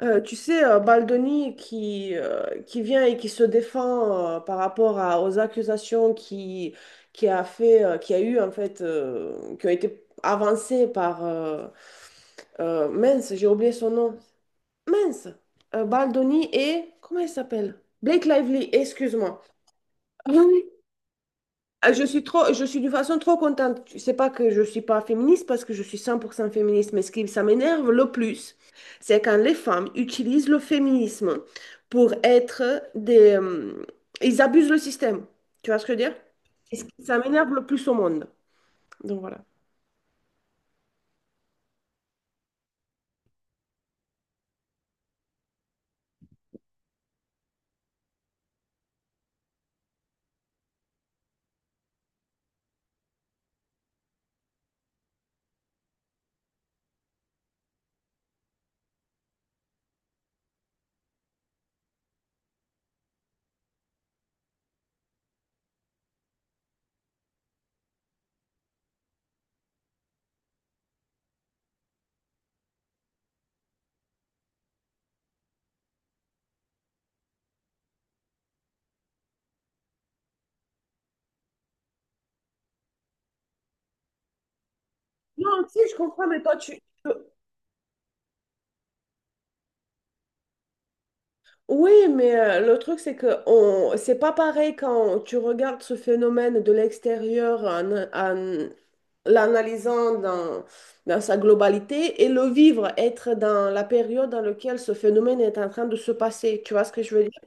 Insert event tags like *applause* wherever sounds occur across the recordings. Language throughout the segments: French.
Tu sais, Baldoni qui vient et qui se défend par rapport à- aux accusations qui a fait, qui a eu en fait, qui ont été avancées par mince, j'ai oublié son nom. Mince, Baldoni et comment il s'appelle? Blake Lively, excuse-moi. *laughs* Ah, je suis trop, je suis de façon trop contente. Tu sais pas que je suis pas féministe parce que je suis 100% féministe, mais ce qui ça m'énerve le plus, c'est quand les femmes utilisent le féminisme pour être des, ils abusent le système. Tu vois ce que je veux dire? Est-ce qui ça m'énerve le plus au monde. Donc voilà. Non, si, je comprends, mais toi, tu, oui, mais le truc, c'est que on... c'est pas pareil quand tu regardes ce phénomène de l'extérieur en, en l'analysant dans, dans sa globalité et le vivre, être dans la période dans laquelle ce phénomène est en train de se passer. Tu vois ce que je veux dire?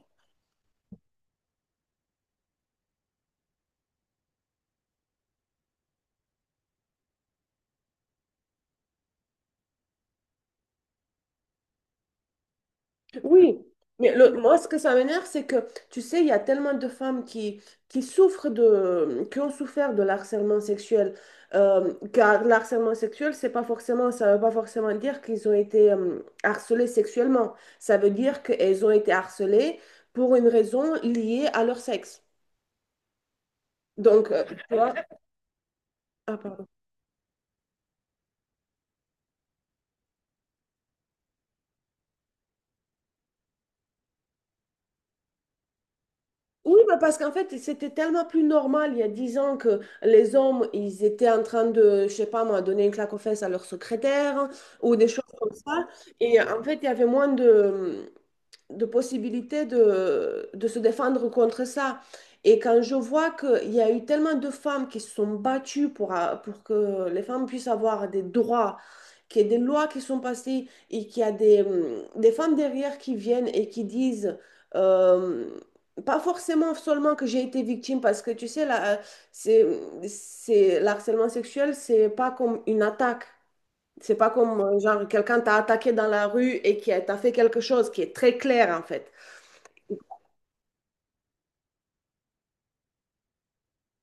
Oui, mais le, moi, ce que ça m'énerve, c'est que, tu sais, il y a tellement de femmes qui souffrent de, qui ont souffert de l'harcèlement sexuel. Car l'harcèlement sexuel, c'est pas forcément, ça veut pas forcément dire qu'ils ont été harcelés sexuellement. Ça veut dire qu'elles ont été harcelées pour une raison liée à leur sexe. Donc, tu vois. Ah, pardon. Oui, bah parce qu'en fait, c'était tellement plus normal il y a 10 ans que les hommes, ils étaient en train de, je sais pas moi, donner une claque aux fesses à leur secrétaire ou des choses comme ça. Et en fait, il y avait moins de possibilités de se défendre contre ça. Et quand je vois qu'il y a eu tellement de femmes qui se sont battues pour, a- pour que les femmes puissent avoir des droits qu'il y a des lois qui sont passées et qu'il y a des femmes derrière qui viennent et qui disent, euh, pas forcément seulement que j'ai été victime, parce que tu sais, la, c'est, c'est, l'harcèlement sexuel, c'est pas comme une attaque. C'est pas comme, genre, quelqu'un t'a attaqué dans la rue et qui a- t'a fait quelque chose qui est très clair, en fait.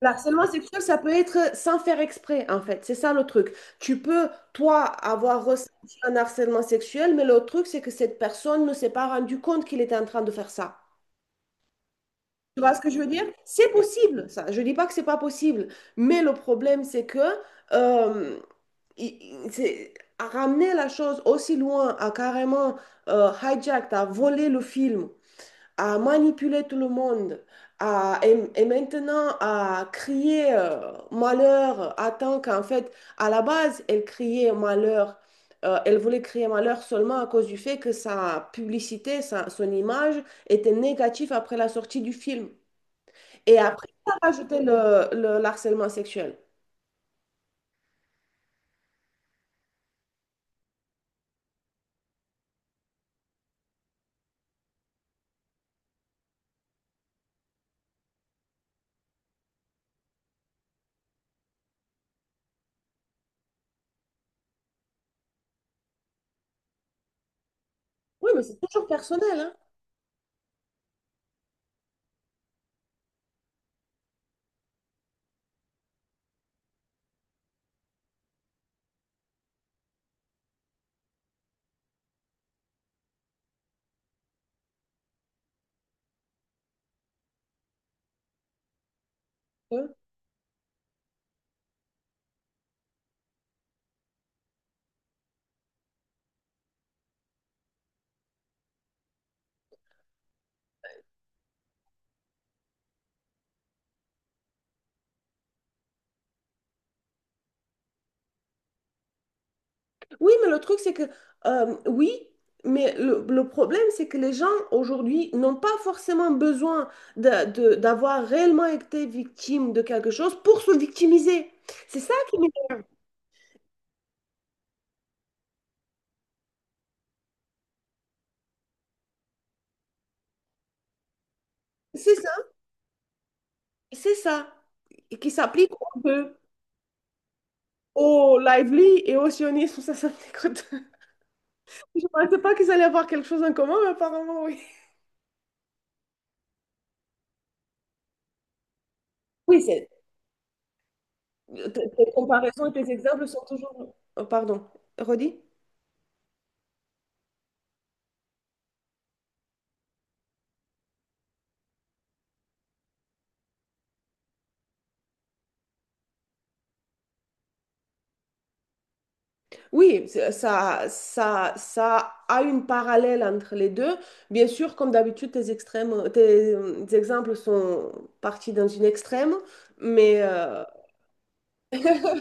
L'harcèlement sexuel, ça peut être sans faire exprès, en fait. C'est ça le truc. Tu peux, toi, avoir ressenti un harcèlement sexuel, mais le truc, c'est que cette personne ne s'est pas rendu compte qu'il était en train de faire ça. Tu vois ce que je veux dire? C'est possible, ça. Je dis pas que c'est pas possible. Mais le problème, c'est que euh, il- il- c'est- à ramener la chose aussi loin, à carrément hijack, à voler le film à manipuler tout le monde, à, et maintenant à crier malheur, à tant qu'en fait, à la base, elle criait malheur. Elle voulait crier malheur seulement à cause du fait que sa publicité, sa- son image était négative après la sortie du film. Et après, elle a rajouté le harcèlement sexuel. Oui, mais c'est toujours personnel, hein. Oui, mais le truc, c'est que, oui, mais le problème, c'est que les gens aujourd'hui n'ont pas forcément besoin de- d'avoir réellement été victimes de quelque chose pour se victimiser. C'est ça qui m'énerve. C'est ça, c'est ça. Et qui s'applique un peu au lively et au sionisme. Ça m'écoute. *laughs* Je ne pensais pas qu'ils allaient avoir quelque chose en commun, mais apparemment, oui. Oui, c'est... Tes tes comparaisons et tes exemples sont toujours... Oh, pardon, redis? Oui, c'est- ça a une parallèle entre les deux. Bien sûr, comme d'habitude, tes extrêmes, tes, tes exemples sont partis dans une extrême, mais *laughs*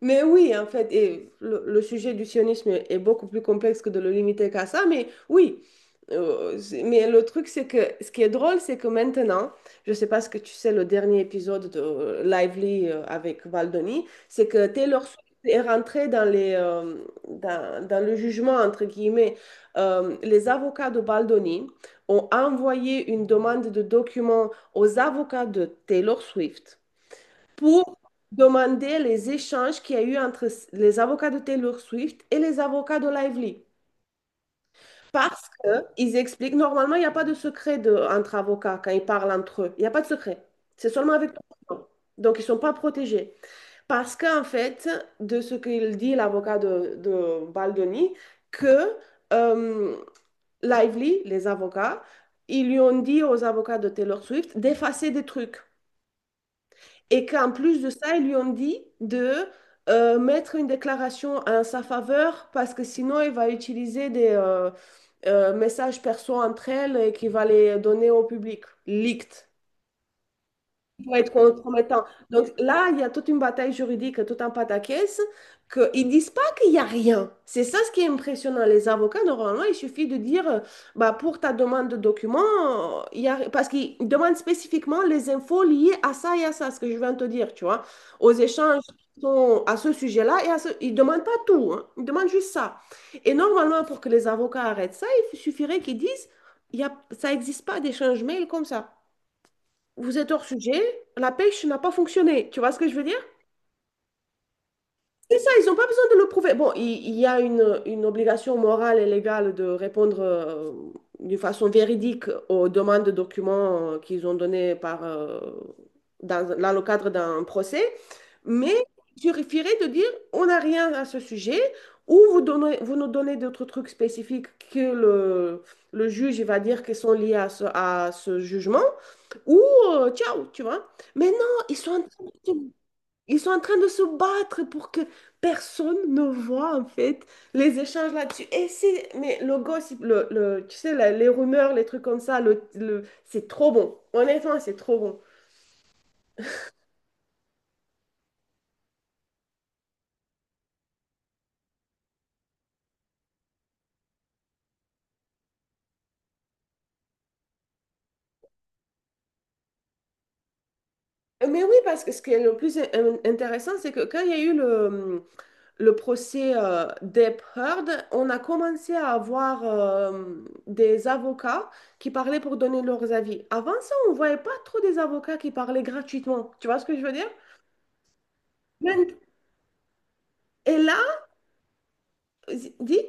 Mais oui, en fait, et le sujet du sionisme est beaucoup plus complexe que de le limiter qu'à ça, mais oui. C'est- mais le truc, c'est que ce qui est drôle, c'est que maintenant, je sais pas ce que tu sais, le dernier épisode de Lively avec Valdoni, c'est que Taylor Swift est rentrée dans les, dans, dans le jugement, entre guillemets. Les avocats de Valdoni ont envoyé une demande de documents aux avocats de Taylor Swift pour demander les échanges qu'il y a eu entre les avocats de Taylor Swift et les avocats de Lively. Parce qu'ils expliquent, normalement, il n'y a pas de secret de- entre avocats quand ils parlent entre eux. Il n'y a pas de secret. C'est seulement avec toi. Donc, ils ne sont pas protégés. Parce qu'en fait, de ce qu'il dit l'avocat de Baldoni, que euh, Lively, les avocats, ils lui ont dit aux avocats de Taylor Swift d'effacer des trucs. Et qu'en plus de ça, ils lui ont dit de mettre une déclaration en sa faveur parce que sinon, il va utiliser des messages perso entre elles et qu'il va les donner au public, leaked qui peut être compromettant. Donc là, il y a toute une bataille juridique, tout un pataquès, qu'ils ne disent pas qu'il n'y a rien. C'est ça ce qui est impressionnant. Les avocats, normalement, il suffit de dire, bah, pour ta demande de documents, il y a... parce qu'ils demandent spécifiquement les infos liées à ça et à ça, ce que je viens de te dire, tu vois, aux échanges. Qui sont à ce sujet-là et à ce... Ils ne demandent pas tout, hein. Ils demandent juste ça. Et normalement, pour que les avocats arrêtent ça, il suffirait qu'ils disent, il y a... ça n'existe pas d'échange mail comme ça. Vous êtes hors sujet, la pêche n'a pas fonctionné. Tu vois ce que je veux dire? C'est ça, ils n'ont pas besoin de le prouver. Bon, il y a une obligation morale et légale de répondre d'une façon véridique aux demandes de documents qu'ils ont données par, dans, dans le cadre d'un procès, mais il suffirait de dire on n'a rien à ce sujet ou vous donnez, vous nous donnez d'autres trucs spécifiques que le juge il va dire qui sont liés à ce jugement ou ciao, tu vois. Mais non, ils sont en train de te ils sont en train de se battre pour que personne ne voit en fait les échanges là-dessus. Et c'est, mais le gossip, le- tu sais, la- les rumeurs, les trucs comme ça, le- c'est trop bon. Honnêtement, c'est trop bon. Mais oui, parce que ce qui est le plus in- intéressant, c'est que quand il y a eu le procès d'Hep Heard, on a commencé à avoir des avocats qui parlaient pour donner leurs avis. Avant ça, on ne voyait pas trop des avocats qui parlaient gratuitement. Tu vois ce que je veux dire? Maintenant- et là, dis?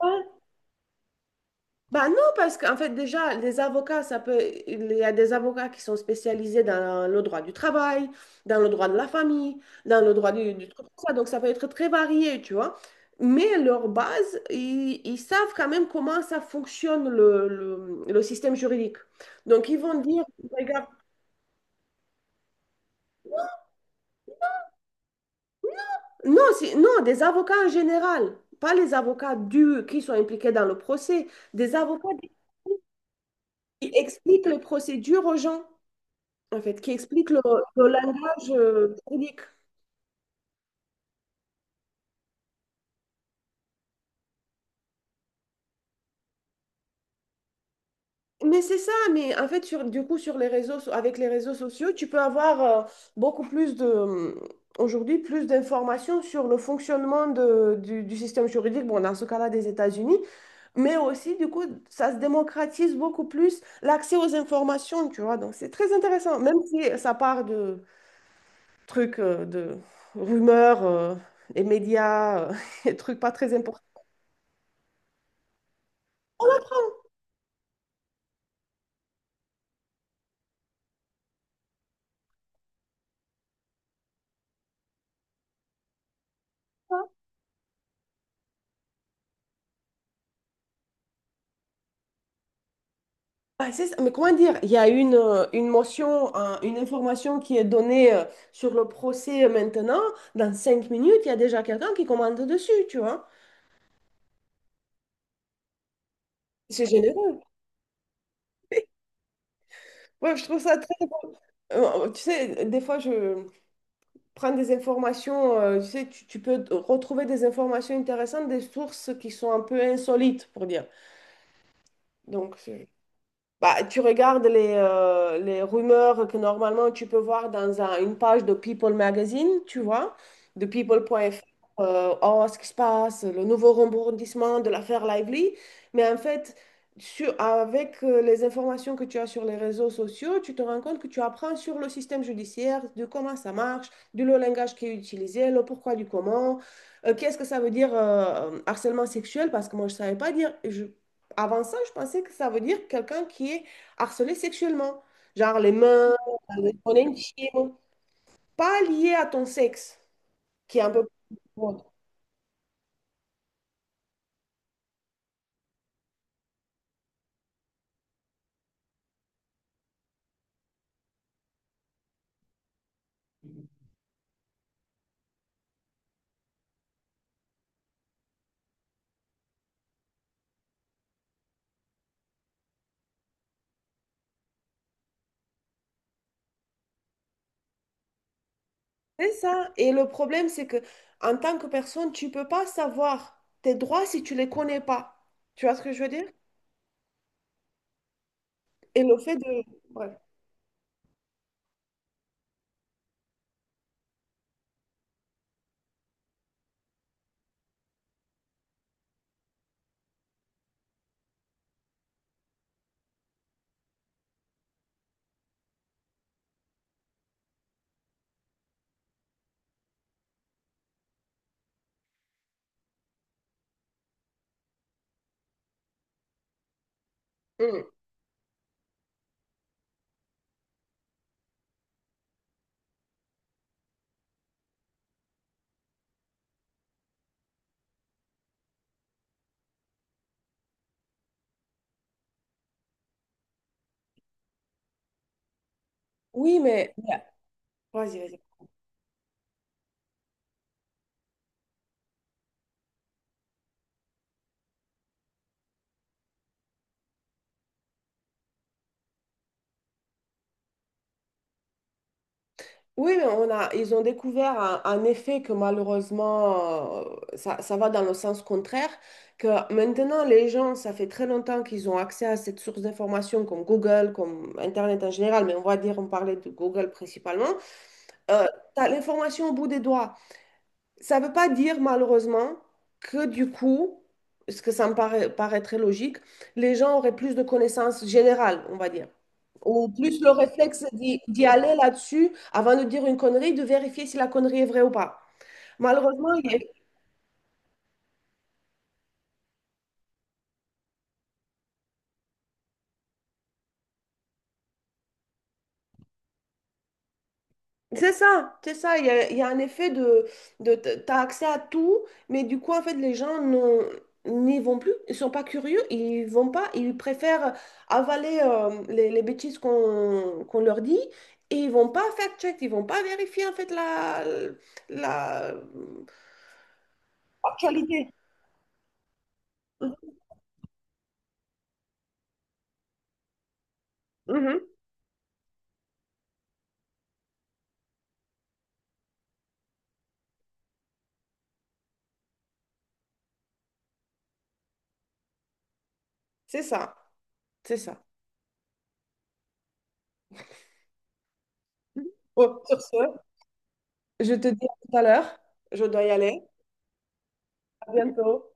Ouais. Bah non, parce qu'en fait, déjà, les avocats, ça peut... Il y a des avocats qui sont spécialisés dans le droit du travail, dans le droit de la famille, dans le droit du truc comme ça. Donc, ça peut être très varié, tu vois. Mais leur base, ils savent quand même comment ça fonctionne le système juridique. Donc, ils vont dire, regarde, non, c'est- non, des avocats en général, pas les avocats du, qui sont impliqués dans le procès, des avocats qui expliquent les procédures aux gens. En fait, qui explique le langage unique. Mais c'est ça, mais en fait, sur, du coup, sur les réseaux, so- avec les réseaux sociaux, tu peux avoir beaucoup plus de, aujourd'hui, plus d'informations sur le fonctionnement de- du système juridique, bon, dans ce cas-là, des États-Unis, mais aussi, du coup, ça se démocratise beaucoup plus l'accès aux informations, tu vois. Donc, c'est très intéressant, même si ça part de trucs, de rumeurs, et médias, *laughs* et trucs pas très importants. Ah, c'est ça. Mais comment dire, il y a une motion, un- une information qui est donnée sur le procès maintenant. Dans 5 minutes, il y a déjà quelqu'un qui commente dessus, tu vois. C'est généreux. Ouais, je trouve ça très... tu sais, des fois, je prends des informations, tu sais, tu peux retrouver des informations intéressantes, des sources qui sont un peu insolites, pour dire. Donc, c'est- bah, tu regardes les rumeurs que normalement tu peux voir dans un- une page de People Magazine, tu vois, de people.fr, oh, ce qui se passe, le nouveau rebondissement de l'affaire Lively. Mais en fait, sur- avec les informations que tu as sur les réseaux sociaux, tu te rends compte que tu apprends sur le système judiciaire, de comment ça marche, du le langage qui est utilisé, le pourquoi du comment, qu'est-ce que ça veut dire harcèlement sexuel, parce que moi je ne savais pas dire, avant ça, je pensais que ça veut dire quelqu'un qui est harcelé sexuellement, genre les mains, les zones intimes, pas lié à ton sexe, qui est un peu plus broad. C'est ça. Et le problème, c'est que en tant que personne, tu peux pas savoir tes droits si tu les connais pas. Tu vois ce que je veux dire? Et le fait de... ouais. Mm. Oui, mais... Vas-y, vas-y. Oui, mais on a, ils ont découvert un effet que malheureusement, ça, ça va dans le sens contraire, que maintenant les gens, ça fait très longtemps qu'ils ont accès à cette source d'information comme Google, comme Internet en général, mais on va dire, on parlait de Google principalement. Euh, Tu l'information au bout des doigts. Ça ne veut pas dire malheureusement que du coup, ce que ça me paraît, paraît très logique, les gens auraient plus de connaissances générales, on va dire. Ou plus le réflexe d'y aller là-dessus avant de dire une connerie, de vérifier si la connerie est vraie ou pas. Malheureusement, il y a- c'est ça, c'est ça. Il y a un effet de t- t'as accès à tout, mais du coup, en fait, les gens n'ont- n'y vont plus. Ils sont pas curieux, ils vont pas, ils préfèrent avaler les bêtises qu'on leur dit et ils vont pas fact-check, ils vont pas vérifier en fait la, la... Actualité. Mhm. C'est ça, c'est ça. Bon, sur ce. Je te dis à tout à l'heure. Je dois y aller. À bientôt.